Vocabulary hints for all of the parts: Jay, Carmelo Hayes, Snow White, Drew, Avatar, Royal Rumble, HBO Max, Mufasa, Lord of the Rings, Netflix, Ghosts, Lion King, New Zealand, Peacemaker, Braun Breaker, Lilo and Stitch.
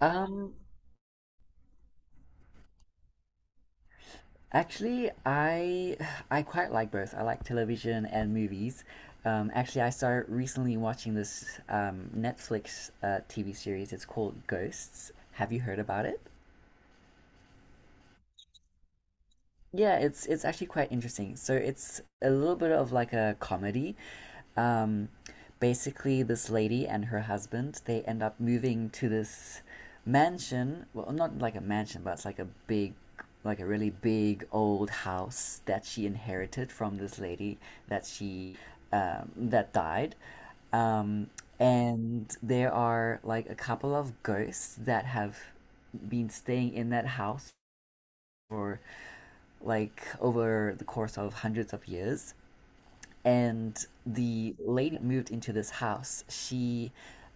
Um, Actually, I I quite like both. I like television and movies. Actually, I started recently watching this Netflix TV series. It's called Ghosts. Have you heard about it? Yeah, it's actually quite interesting. So it's a little bit of like a comedy. Um, Basically, this lady and her husband they end up moving to this mansion. Well, not like a mansion, but it's like a big, like a really big old house that she inherited from this lady that she that died. Um, and there are like a couple of ghosts that have been staying in that house for like over the course of hundreds of years. And the lady moved into this house. She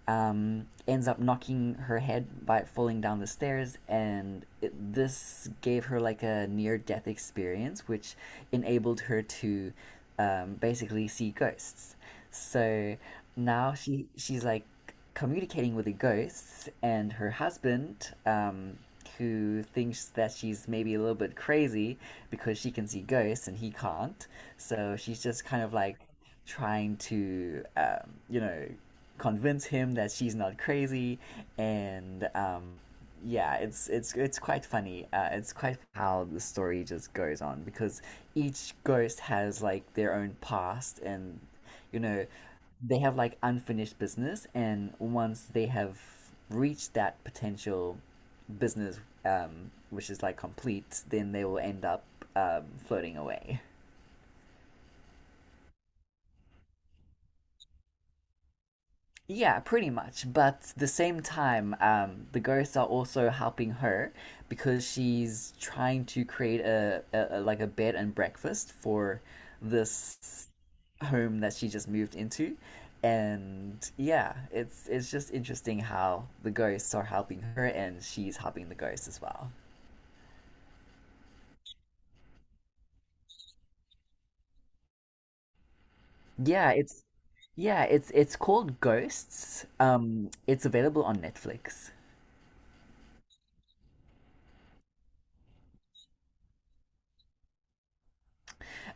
ends up knocking her head by falling down the stairs, and this gave her like a near death experience, which enabled her to basically see ghosts. So now she's like communicating with the ghosts and her husband, who thinks that she's maybe a little bit crazy because she can see ghosts and he can't. So she's just kind of like trying to convince him that she's not crazy and yeah, it's quite funny. It's quite how the story just goes on because each ghost has like their own past and you know they have like unfinished business, and once they have reached that potential business which is like complete, then they will end up floating away. Yeah, pretty much. But the same time, the ghosts are also helping her because she's trying to create a like a bed and breakfast for this home that she just moved into. And yeah, it's just interesting how the ghosts are helping her and she's helping the ghosts as well. Yeah, it's called Ghosts. It's available on Netflix.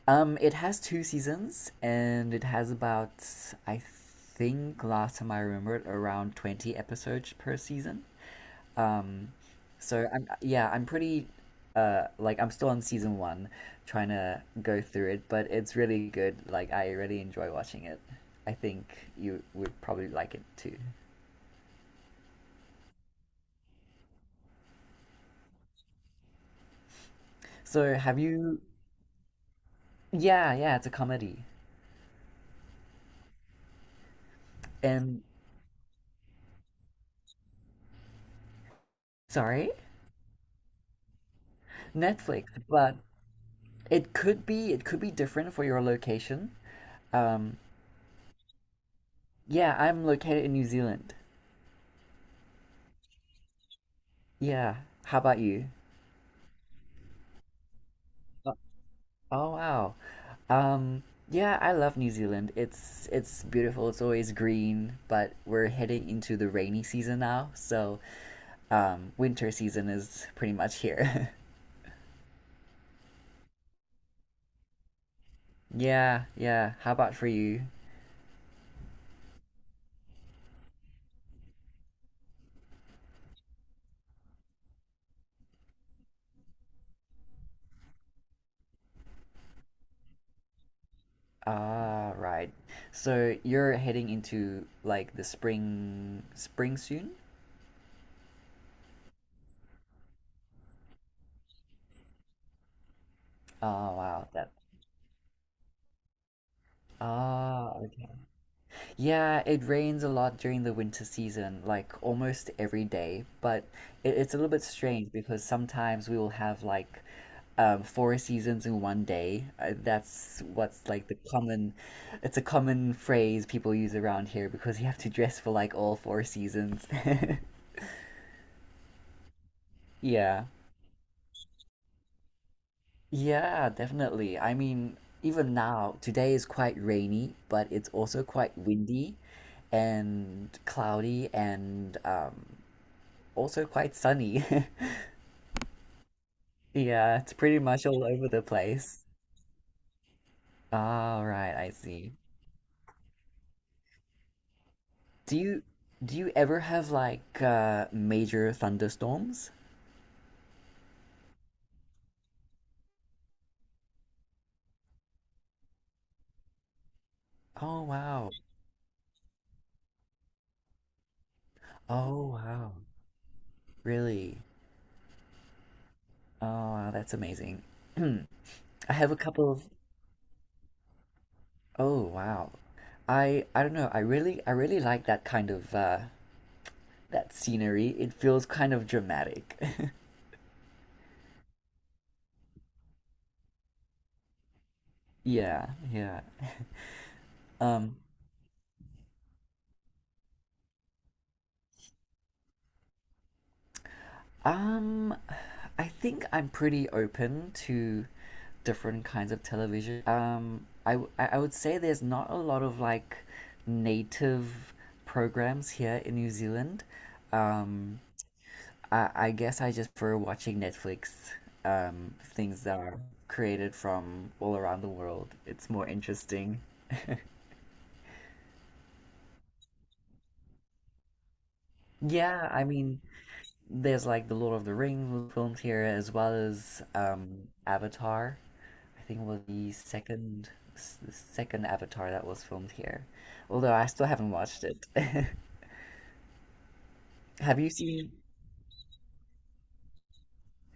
It has two seasons, and it has about, I think, last time I remembered, around 20 episodes per season. Um, so yeah, I'm pretty, like I'm still on season one, trying to go through it, but it's really good. Like I really enjoy watching it. I think you would probably like it too. So have you? Yeah, yeah, it's a comedy. And sorry, Netflix, but it could be different for your location. Um, Yeah, I'm located in New Zealand. Yeah. How about you? Oh, oh, wow. Um, yeah, I love New Zealand. It's beautiful. It's always green, but we're heading into the rainy season now, so winter season is pretty much here. Yeah, yeah. How about for you? Ah, right. So you're heading into like the spring soon? Oh, wow. That. Ah, yeah, it rains a lot during the winter season, like almost every day. But it's a little bit strange because sometimes we will have like four seasons in one day. That's what's like the common, It's a common phrase people use around here because you have to dress for like all four seasons. Yeah. Yeah, definitely. I mean, even now, today is quite rainy, but it's also quite windy and cloudy and also quite sunny. Yeah, it's pretty much all over the place. All right, I see. Do you do you ever have like major thunderstorms? Oh wow. Oh wow. Really? Oh wow, that's amazing. I have a couple of oh wow. I don't know. I really like that kind of that scenery. It feels kind of dramatic. Yeah, yeah. Um Um, I think I'm pretty open to different kinds of television. I would say there's not a lot of like native programs here in New Zealand. Um, I guess I just prefer watching Netflix, things that are created from all around the world. It's more interesting. Yeah, I mean, there's like the Lord of the Rings was filmed here, as well as Avatar. I think it was the second Avatar that was filmed here. Although I still haven't watched it. Have you seen?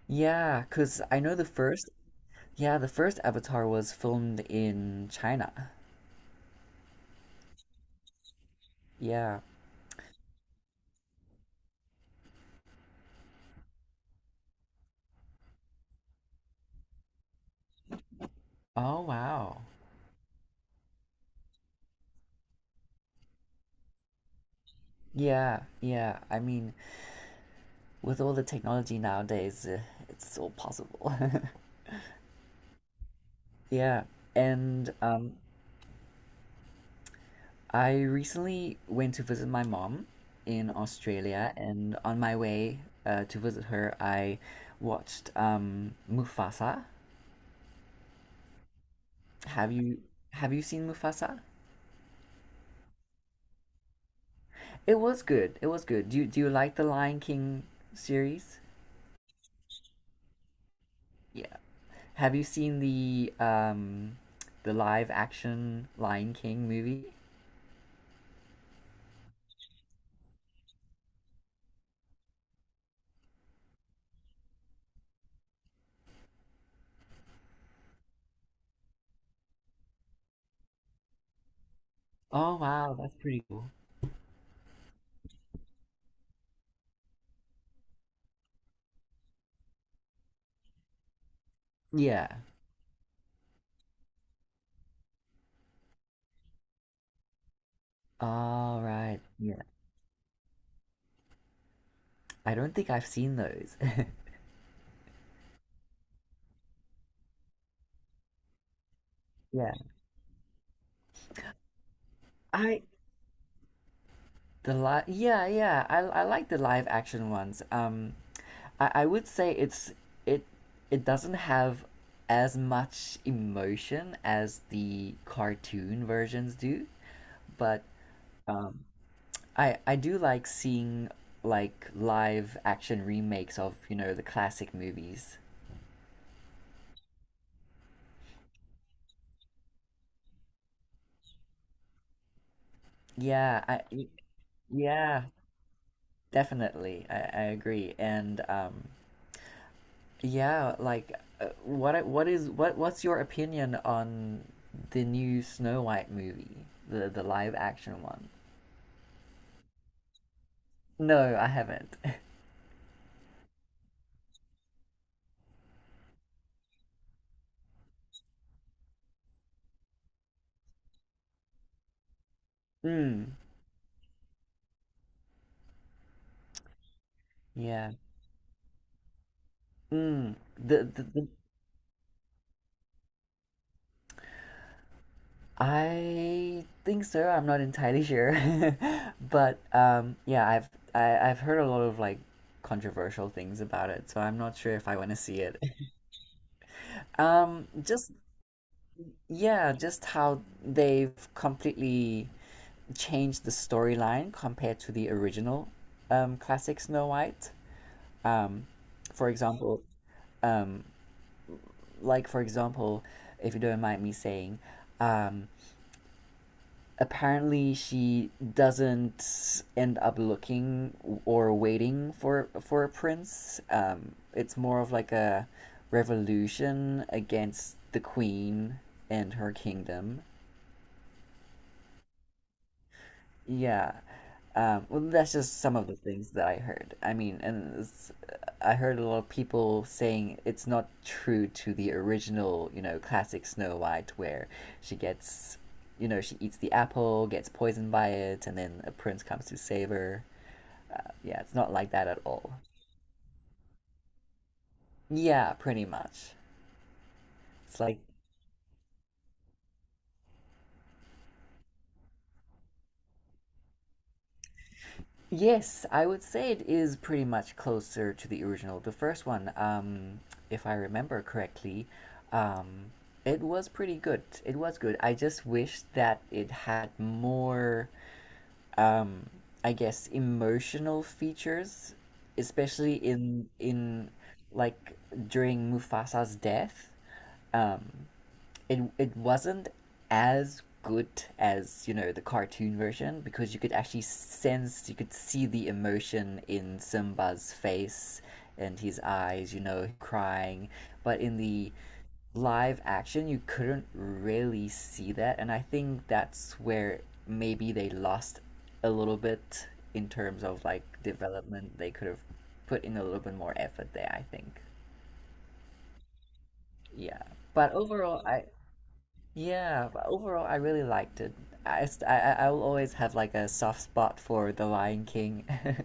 Yeah, because I know the first. Yeah, the first Avatar was filmed in China. Yeah. Oh wow. Yeah, yeah. I mean, with all the technology nowadays, it's all possible. Yeah. And I recently went to visit my mom in Australia, and on my way to visit her, I watched Mufasa. Have you have you seen Mufasa? It was good. It was good. Do you like the Lion King series? Yeah. Have you seen the live action Lion King movie? Oh wow, that's pretty cool. Yeah. All right. Yeah. I don't think I've seen those. Yeah. I The live, yeah, yeah. I like the live action ones. Um, I would say it's it it doesn't have as much emotion as the cartoon versions do, but um, I do like seeing like live action remakes of, you know, the classic movies. Yeah, I y- yeah, definitely. I agree. And yeah, like what I- what is what what's your opinion on the new Snow White movie? The live action one. No, I haven't. Mm, yeah. Mm. The I think so. I'm not entirely sure. But yeah, I've heard a lot of like controversial things about it, so I'm not sure if I want to see it. Just yeah, just how they've completely changed the storyline compared to the original classic Snow White. Um, for example, um, for example, if you don't mind me saying, um, apparently she doesn't end up looking or waiting for a prince. It's more of like a revolution against the queen and her kingdom. Yeah. Well, that's just some of the things that I heard. I mean, and I heard a lot of people saying it's not true to the original, you know, classic Snow White, where she gets, you know, she eats the apple, gets poisoned by it, and then a prince comes to save her. Yeah, it's not like that at all. Yeah, pretty much. It's like yes, I would say it is pretty much closer to the original. The first one, if I remember correctly, um, it was pretty good. It was good. I just wish that it had more, um, I guess, emotional features, especially in like during Mufasa's death. Um, it it wasn't as good as you know the cartoon version, because you could actually sense you could see the emotion in Simba's face and his eyes you know crying, but in the live action you couldn't really see that, and I think that's where maybe they lost a little bit in terms of like development. They could have put in a little bit more effort there, I think. yeah but overall I yeah, but overall, I really liked it. I, st- I will always have like a soft spot for The Lion King.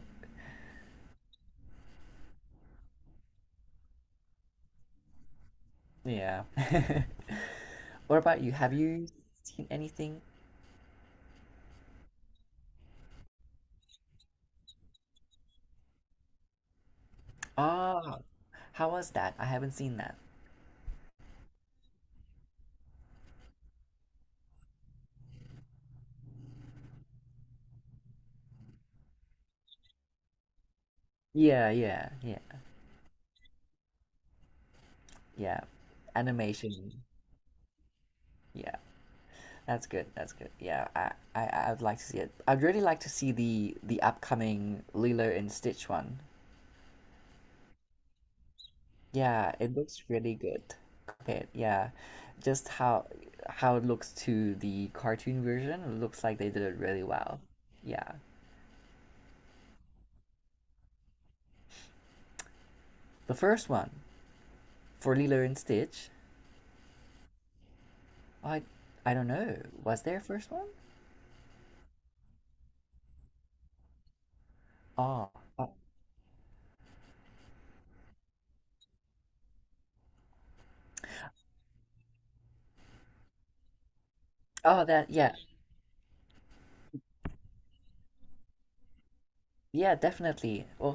Yeah. What about you? Have you seen anything? Ah, how was that? I haven't seen that. Yeah, yeah, yeah, yeah. Animation. Yeah, that's good. That's good. Yeah, I, I'd like to see it. I'd really like to see the upcoming Lilo and Stitch one. Yeah, it looks really good. Compared, yeah, just how it looks to the cartoon version, it looks like they did it really well. Yeah, the first one for Lilo and Stitch, I I don't know, was there a first one? Oh, oh, oh, that yeah, yeah, definitely. Well,